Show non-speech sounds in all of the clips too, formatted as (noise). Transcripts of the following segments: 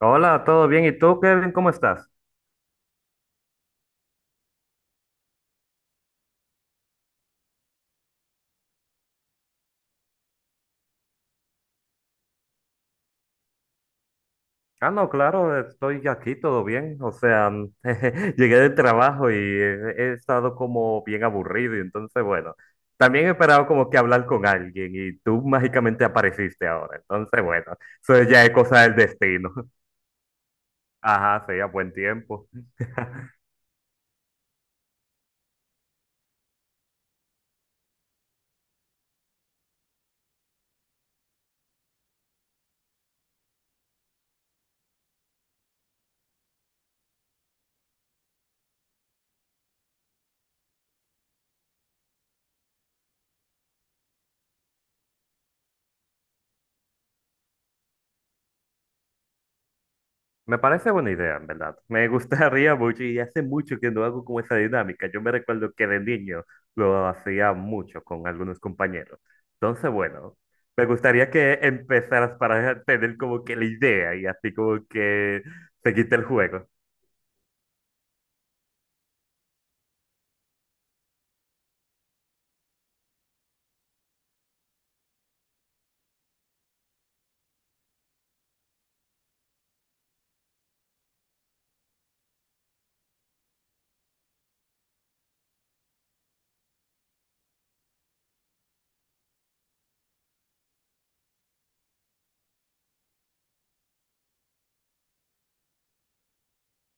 Hola, ¿todo bien? ¿Y tú, Kevin, cómo estás? Ah, no, claro, estoy aquí, todo bien. O sea, (laughs) jeje, llegué del trabajo y he estado como bien aburrido y entonces, bueno, también he esperado como que hablar con alguien y tú mágicamente apareciste ahora. Entonces, bueno, eso ya es cosa del destino. (laughs) Ajá, sí, a buen tiempo. Me parece buena idea, en verdad. Me (laughs) gustaría mucho y hace mucho que no hago como esa dinámica. Yo me recuerdo que de niño lo hacía mucho con algunos compañeros. Entonces, bueno, me gustaría que empezaras para (laughs) tener como que la idea y así como que se quite el juego.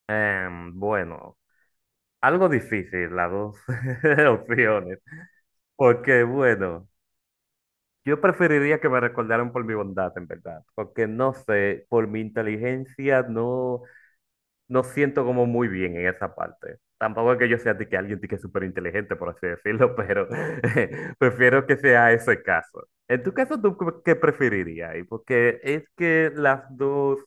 Bueno, algo difícil las dos (laughs) opciones. Porque, bueno, yo preferiría que me recordaran por mi bondad, en verdad. Porque no sé, por mi inteligencia no. No siento como muy bien en esa parte. Tampoco es que yo sea de que alguien de que es súper inteligente, por así decirlo, pero (laughs) prefiero que sea ese caso. En tu caso, ¿tú qué preferirías ahí? Porque es que las dos,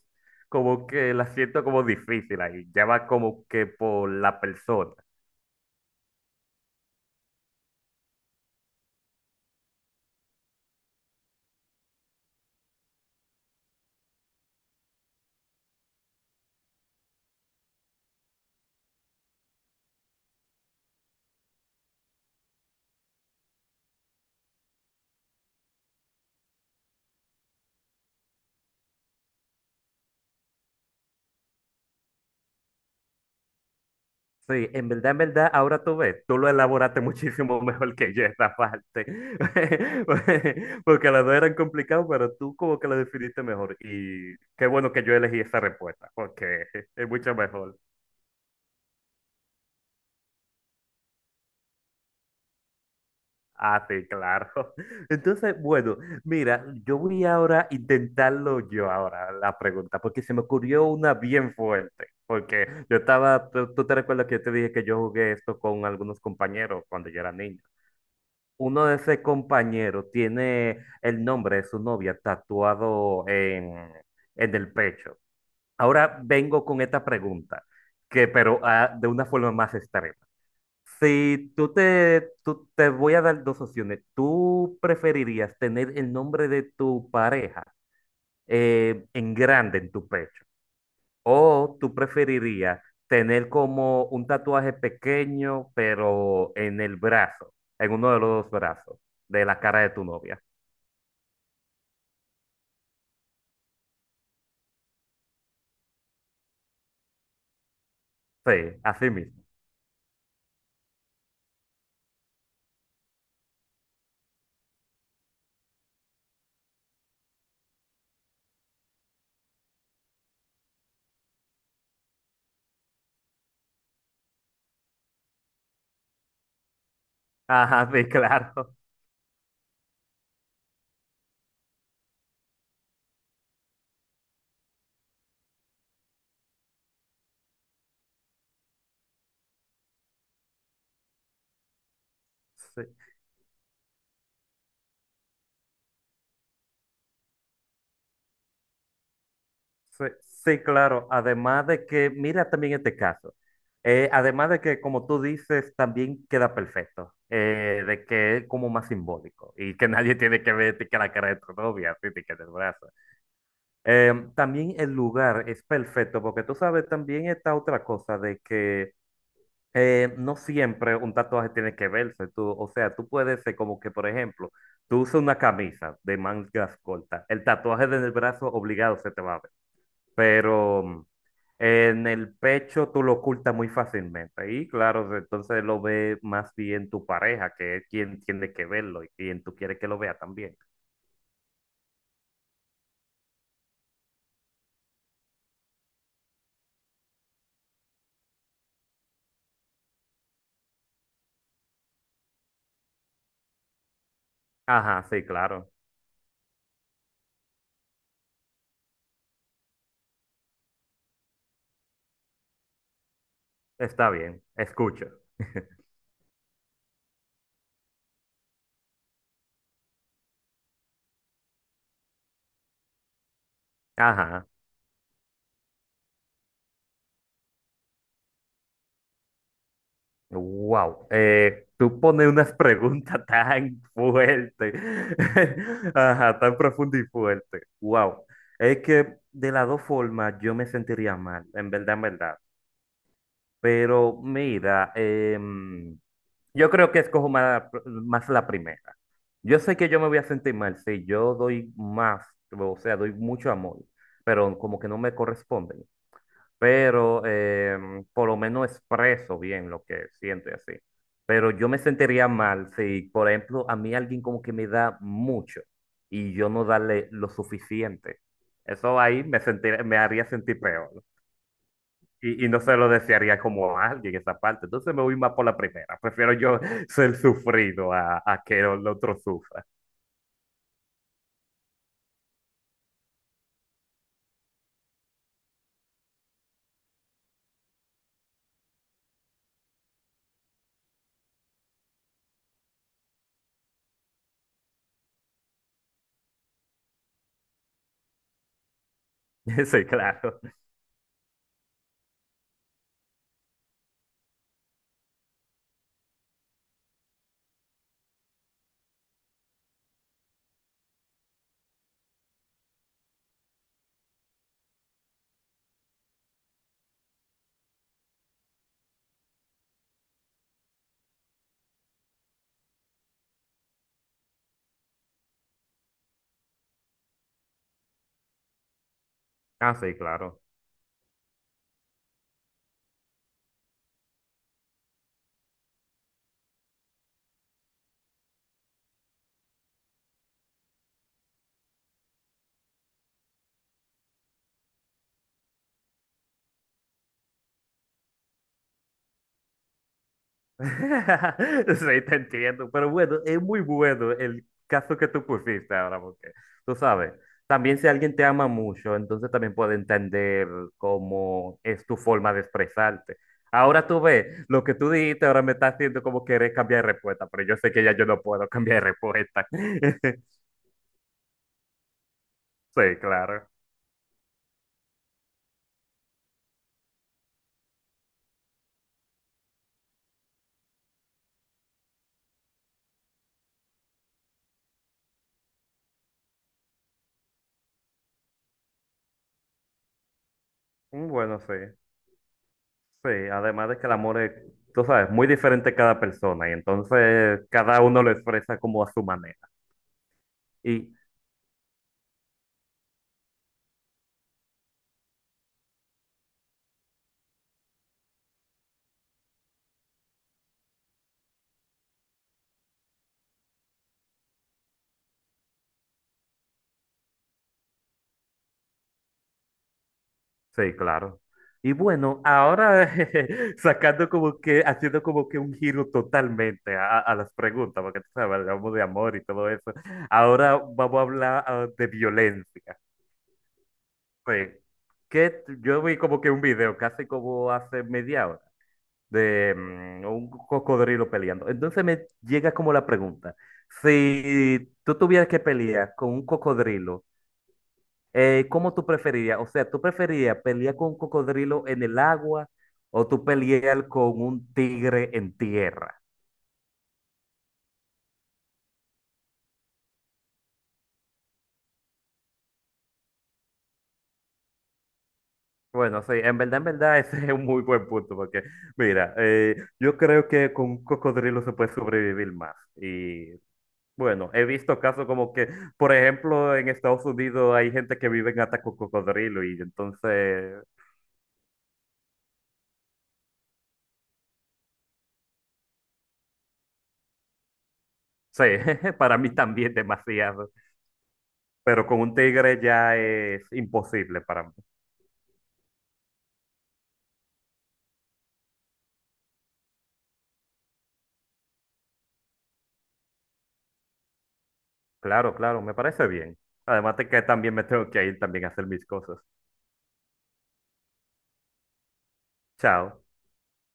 como que las siento como difíciles ahí. Ya va como que por la persona. Sí, en verdad, ahora tú ves, tú lo elaboraste (laughs) muchísimo mejor que yo esta parte, (laughs) porque las dos eran complicadas, pero tú como que lo definiste mejor y qué bueno que yo elegí esa respuesta, porque (laughs) es mucho mejor. Ah, sí, claro. (laughs) Entonces, bueno, mira, yo voy ahora a intentarlo yo ahora, la pregunta, porque se me ocurrió una bien fuerte, porque yo estaba, tú te recuerdas que yo te dije que yo jugué esto con algunos compañeros cuando yo era niño. Uno de ese compañero tiene el nombre de su novia tatuado en el pecho. Ahora vengo con esta pregunta, que pero ah, de una forma más extrema. Si te voy a dar dos opciones, ¿tú preferirías tener el nombre de tu pareja en grande en tu pecho? ¿O tú preferirías tener como un tatuaje pequeño, pero en el brazo, en uno de los dos brazos, de la cara de tu novia? Sí, así mismo. (laughs) Ajá, sí, claro. Sí, sí, sí, claro. Además de que, mira también este caso. Además de que, como tú dices, también queda perfecto. Eh, de que es como más simbólico y que (laughs) nadie tiene que ver que la cara de tu novia, así que en el brazo. También el lugar es perfecto, porque tú sabes, también está otra cosa de que no siempre un tatuaje tiene que verse. Tú, o sea, tú puedes ser como que, por ejemplo, tú usas una camisa de mangas cortas, el tatuaje del brazo obligado se te va a ver, pero en el pecho tú lo ocultas muy fácilmente. Y claro, entonces lo ve más bien tu pareja, que es quien tiene que verlo y quien tú quieres que lo vea también. Ajá, sí, claro, está bien, escucho. (laughs) Ajá. Wow, tú pones unas (laughs) preguntas tan fuertes, (laughs) ajá, tan profundas y fuertes. Wow, es que de las dos formas yo me sentiría mal, en verdad, en verdad. Pero mira, yo creo que escojo más, más la primera. Yo sé que yo me voy a sentir mal si yo doy más, o sea, doy mucho amor, pero como que no me corresponde, pero por lo menos expreso bien lo que siento y así. Pero yo me sentiría mal si, por ejemplo, a mí alguien como que me da mucho y yo no darle lo suficiente. Eso ahí me sentir- me haría sentir peor, ¿no? Y no se lo desearía como a alguien esa parte. Entonces me voy más por la primera. Prefiero yo (laughs) ser sufrido a que el otro sufra. (laughs) Sí, claro. Ah, sí, claro. (laughs) Sí, te entiendo, pero bueno, es muy bueno el caso que tú pusiste ahora, porque tú sabes, también si alguien te ama mucho, entonces también puede entender cómo es tu forma de expresarte. Ahora tú ves, lo que tú dijiste ahora me está haciendo como querer cambiar de respuesta, pero yo sé que ya yo no puedo (laughs) cambiar de respuesta. (laughs) Sí, claro. Mm, bueno, sí. Sí, además de que el amor es, tú sabes, muy diferente a cada persona y entonces cada uno lo expresa como a su manera. Y sí, claro. Y bueno, ahora (laughs) sacando como que, haciendo como que un giro totalmente a las preguntas, porque tú sabes, hablamos de amor y todo eso. Ahora vamos a hablar ah, de violencia. Sí. Que t- yo vi como que un video, casi como hace media hora, de un cocodrilo peleando. Entonces me llega como la pregunta, si tú tuvieras que pelear con un cocodrilo, ¿cómo tú preferirías? O sea, ¿tú preferirías pelear con un cocodrilo en el agua o tú pelear con un tigre en tierra? Bueno, sí, en verdad, (laughs) ese es un muy buen punto porque, mira, yo creo que con un cocodrilo se puede sobrevivir más. Y bueno, he visto casos como que, por ejemplo, en Estados Unidos hay gente que vive en hasta con cocodrilo y entonces, sí, (laughs) para mí también demasiado, pero con un tigre ya es imposible para mí. Claro, claro, me parece bien. Además de que también me tengo que ir también a hacer mis cosas. Chao.